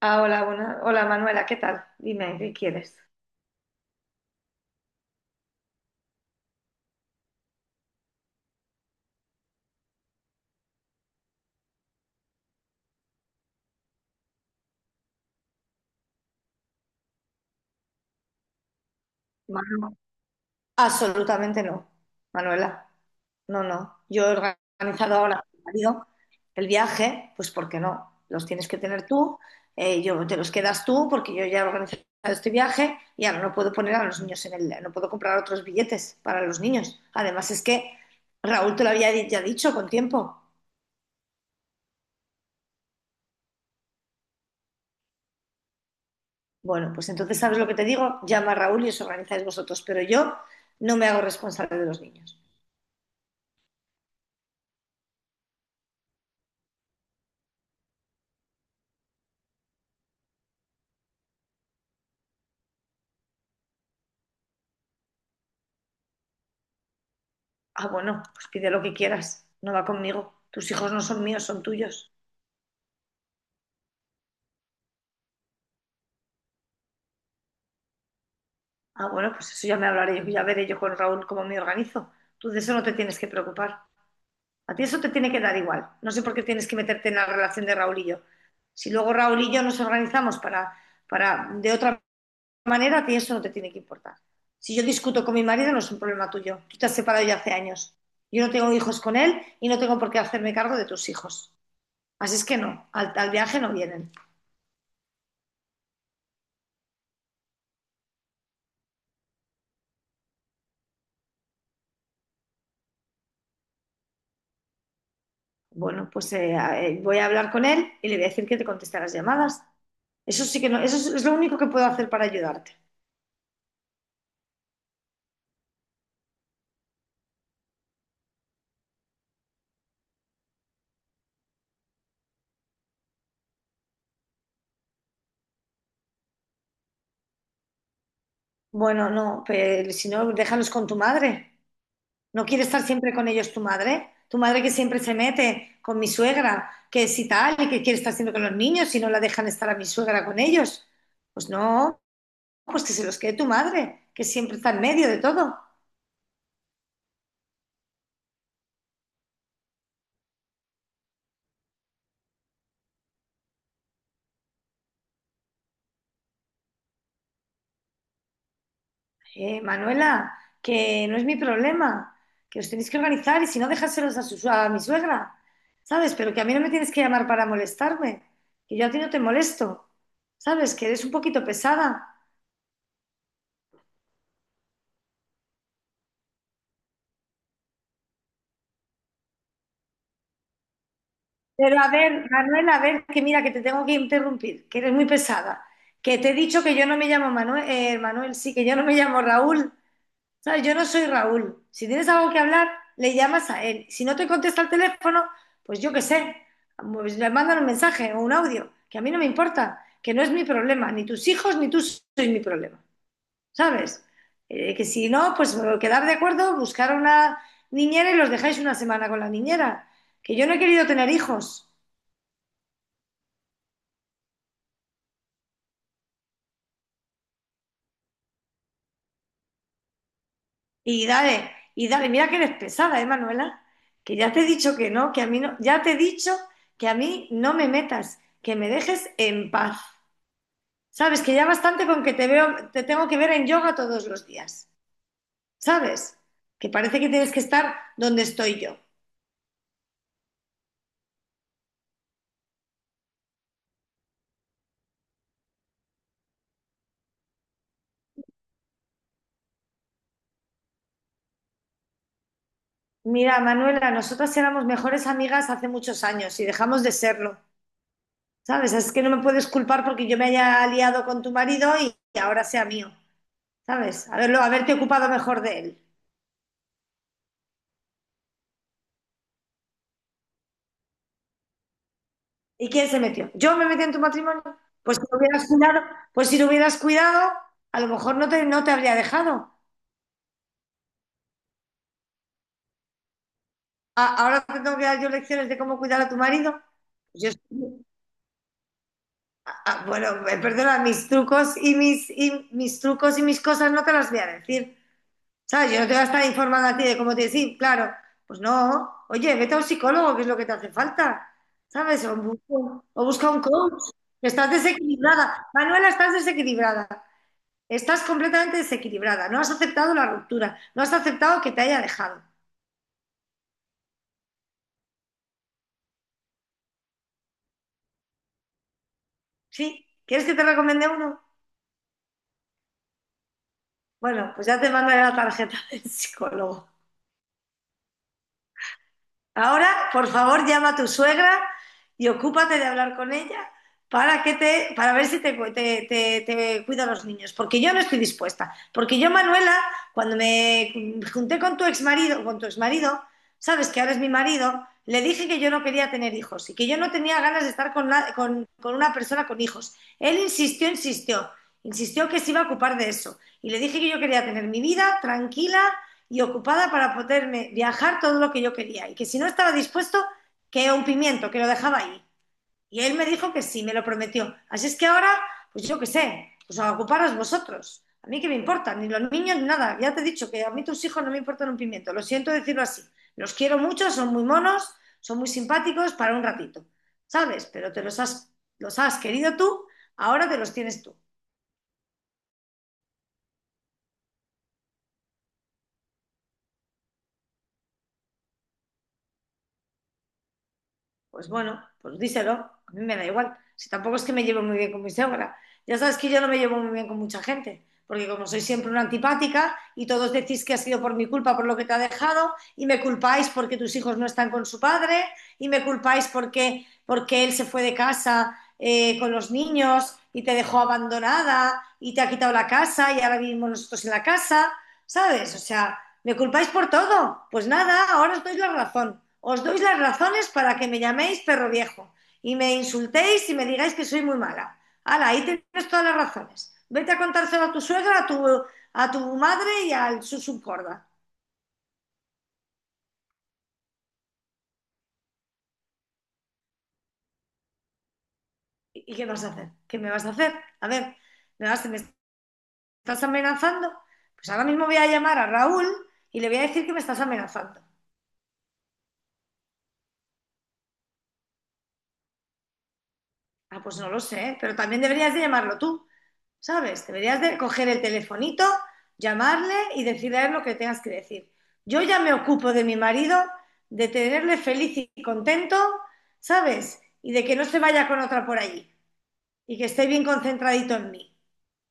Ah, hola, hola Manuela, ¿qué tal? Dime, ¿qué quieres? Manu- Absolutamente no, Manuela. No, no. Yo he organizado ahora con mi marido el viaje, pues porque no? Los tienes que tener tú, yo te los quedas tú, porque yo ya he organizado este viaje y ahora no puedo poner a los niños en el, no puedo comprar otros billetes para los niños. Además es que Raúl te lo había ya dicho con tiempo. Bueno, pues entonces, ¿sabes lo que te digo? Llama a Raúl y os organizáis vosotros, pero yo no me hago responsable de los niños. Ah, bueno, pues pide lo que quieras, no va conmigo. Tus hijos no son míos, son tuyos. Ah, bueno, pues eso ya me hablaré yo, ya veré yo con Raúl cómo me organizo. Tú de eso no te tienes que preocupar. A ti eso te tiene que dar igual. No sé por qué tienes que meterte en la relación de Raúl y yo. Si luego Raúl y yo nos organizamos para de otra manera, a ti eso no te tiene que importar. Si yo discuto con mi marido, no es un problema tuyo. Tú te has separado ya hace años. Yo no tengo hijos con él y no tengo por qué hacerme cargo de tus hijos. Así es que no, al viaje no vienen. Bueno, pues voy a hablar con él y le voy a decir que te conteste las llamadas. Eso sí que no, eso es lo único que puedo hacer para ayudarte. Bueno, no, pero si no, déjalos con tu madre. ¿No quiere estar siempre con ellos tu madre? Tu madre que siempre se mete con mi suegra, que si tal, y que quiere estar siempre con los niños y no la dejan estar a mi suegra con ellos. Pues no, pues que se los quede tu madre, que siempre está en medio de todo. Manuela, que no es mi problema, que os tenéis que organizar y si no, dejárselos a, su, a mi suegra, ¿sabes? Pero que a mí no me tienes que llamar para molestarme, que yo a ti no te molesto, ¿sabes? Que eres un poquito pesada. Pero a ver, Manuela, a ver, que mira, que te tengo que interrumpir, que eres muy pesada, que te he dicho que yo no me llamo Manuel, Manuel, sí, que yo no me llamo Raúl, ¿sabes? Yo no soy Raúl. Si tienes algo que hablar, le llamas a él. Si no te contesta el teléfono, pues yo qué sé, pues le mandan un mensaje o un audio, que a mí no me importa, que no es mi problema, ni tus hijos ni tú sois mi problema, ¿sabes? Que si no, pues quedar de acuerdo, buscar una niñera y los dejáis una semana con la niñera. Que yo no he querido tener hijos. Y dale, mira que eres pesada, ¿eh, Manuela? Que ya te he dicho que no, que a mí no, ya te he dicho que a mí no me metas, que me dejes en paz. Sabes que ya bastante con que te veo, te tengo que ver en yoga todos los días. ¿Sabes? Que parece que tienes que estar donde estoy yo. Mira, Manuela, nosotras éramos mejores amigas hace muchos años y dejamos de serlo. ¿Sabes? Es que no me puedes culpar porque yo me haya aliado con tu marido y ahora sea mío. ¿Sabes? Haberlo, haberte ocupado mejor de él. ¿Y quién se metió? ¿Yo me metí en tu matrimonio? Pues si lo hubieras cuidado, pues si lo hubieras cuidado, a lo mejor no te, no te habría dejado. Ahora te tengo que dar yo lecciones de cómo cuidar a tu marido. Yo, bueno, perdona, mis trucos y mis trucos y mis cosas no te las voy a decir. ¿Sabes? Yo no te voy a estar informando a ti de cómo te decir, claro. Pues no, oye, vete a un psicólogo, que es lo que te hace falta. ¿Sabes? O busca un coach, que estás desequilibrada. Manuela, estás desequilibrada. Estás completamente desequilibrada, no has aceptado la ruptura, no has aceptado que te haya dejado. ¿Sí? ¿Quieres que te recomiende uno? Bueno, pues ya te mandaré la tarjeta del psicólogo. Ahora, por favor, llama a tu suegra y ocúpate de hablar con ella para que te, para ver si te, te, te cuida los niños. Porque yo no estoy dispuesta. Porque yo, Manuela, cuando me junté con tu exmarido, sabes que ahora es mi marido, le dije que yo no quería tener hijos y que yo no tenía ganas de estar con, con una persona con hijos. Él insistió, insistió, insistió que se iba a ocupar de eso. Y le dije que yo quería tener mi vida tranquila y ocupada para poderme viajar todo lo que yo quería y que si no estaba dispuesto, que un pimiento, que lo dejaba ahí. Y él me dijo que sí, me lo prometió. Así es que ahora, pues yo qué sé, pues a ocuparos vosotros. A mí qué me importa, ni los niños ni nada. Ya te he dicho que a mí tus hijos no me importan un pimiento. Lo siento decirlo así. Los quiero mucho, son muy monos, son muy simpáticos para un ratito, ¿sabes? Pero te los has querido tú, ahora te los tienes tú. Pues bueno, pues díselo, a mí me da igual. Si tampoco es que me llevo muy bien con mi suegra. Ya sabes que yo no me llevo muy bien con mucha gente, porque como soy siempre una antipática y todos decís que ha sido por mi culpa, por lo que te ha dejado, y me culpáis porque tus hijos no están con su padre, y me culpáis porque, porque él se fue de casa con los niños y te dejó abandonada y te ha quitado la casa y ahora vivimos nosotros en la casa, ¿sabes? O sea, me culpáis por todo. Pues nada, ahora os doy la razón. Os doy las razones para que me llaméis perro viejo y me insultéis y me digáis que soy muy mala. Hala, ahí tienes todas las razones. Vete a contárselo a tu suegra, a tu madre y al su subcorda. ¿Y qué vas a hacer? ¿Qué me vas a hacer? A ver, ¿me estás amenazando? Pues ahora mismo voy a llamar a Raúl y le voy a decir que me estás amenazando. Ah, pues no lo sé, pero también deberías de llamarlo tú. ¿Sabes? Deberías de coger el telefonito, llamarle y decirle a él lo que tengas que decir. Yo ya me ocupo de mi marido, de tenerle feliz y contento, ¿sabes? Y de que no se vaya con otra por allí y que esté bien concentradito en mí.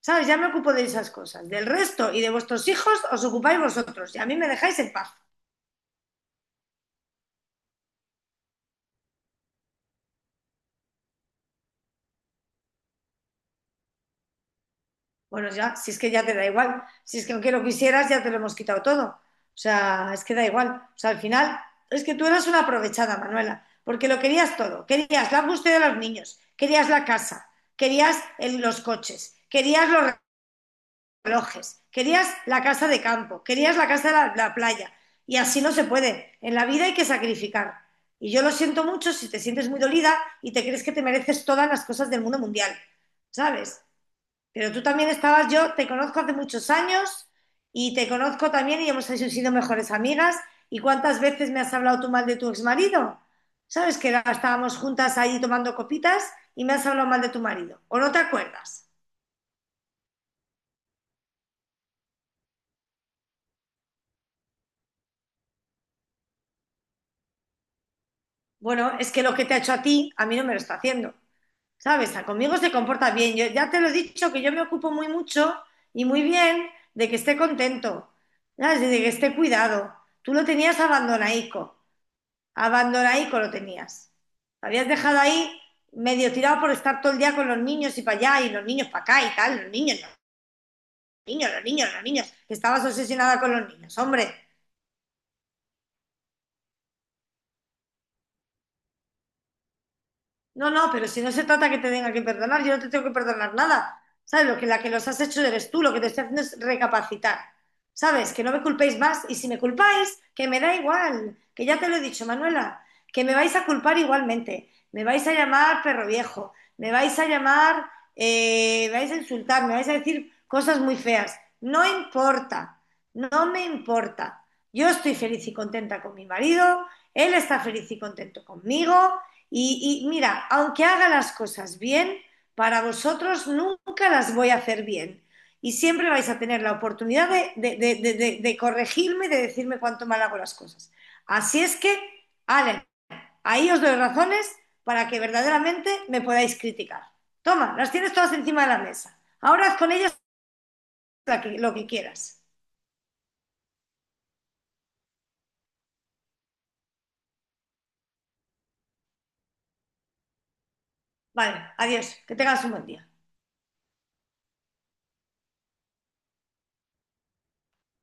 ¿Sabes? Ya me ocupo de esas cosas. Del resto y de vuestros hijos os ocupáis vosotros y a mí me dejáis en paz. Bueno, ya, si es que ya te da igual, si es que aunque lo quisieras, ya te lo hemos quitado todo. O sea, es que da igual. O sea, al final, es que tú eras una aprovechada, Manuela, porque lo querías todo. Querías la búsqueda de los niños, querías la casa, querías los coches, querías los relojes, querías la casa de campo, querías la casa de la, la playa. Y así no se puede. En la vida hay que sacrificar. Y yo lo siento mucho si te sientes muy dolida y te crees que te mereces todas las cosas del mundo mundial, ¿sabes? Pero tú también estabas, yo te conozco hace muchos años y te conozco también y hemos sido mejores amigas. ¿Y cuántas veces me has hablado tú mal de tu exmarido? ¿Sabes que estábamos juntas ahí tomando copitas y me has hablado mal de tu marido? ¿O no te acuerdas? Bueno, es que lo que te ha hecho a ti, a mí no me lo está haciendo. ¿Sabes? A conmigo se comporta bien. Yo ya te lo he dicho que yo me ocupo muy mucho y muy bien de que esté contento, ¿sabes? Y de que esté cuidado. Tú lo tenías abandonaico. Abandona ahí con lo tenías. Lo habías dejado ahí medio tirado por estar todo el día con los niños y para allá, y los niños para acá y tal, los niños, los niños, los niños, que estabas obsesionada con los niños, hombre. No, no, pero si no se trata que te tenga que perdonar, yo no te tengo que perdonar nada. ¿Sabes? Lo que, la que los has hecho eres tú, lo que te estoy haciendo es recapacitar. ¿Sabes? Que no me culpéis más y si me culpáis, que me da igual, que ya te lo he dicho, Manuela, que me vais a culpar igualmente, me vais a llamar perro viejo, me vais a llamar, me vais a insultar, me vais a decir cosas muy feas. No importa, no me importa. Yo estoy feliz y contenta con mi marido, él está feliz y contento conmigo y mira, aunque haga las cosas bien, para vosotros nunca las voy a hacer bien. Y siempre vais a tener la oportunidad de, de corregirme, de decirme cuánto mal hago las cosas. Así es que, Ale, ahí os doy razones para que verdaderamente me podáis criticar. Toma, las tienes todas encima de la mesa. Ahora haz con ellas lo que quieras. Vale, adiós, que tengas un buen día.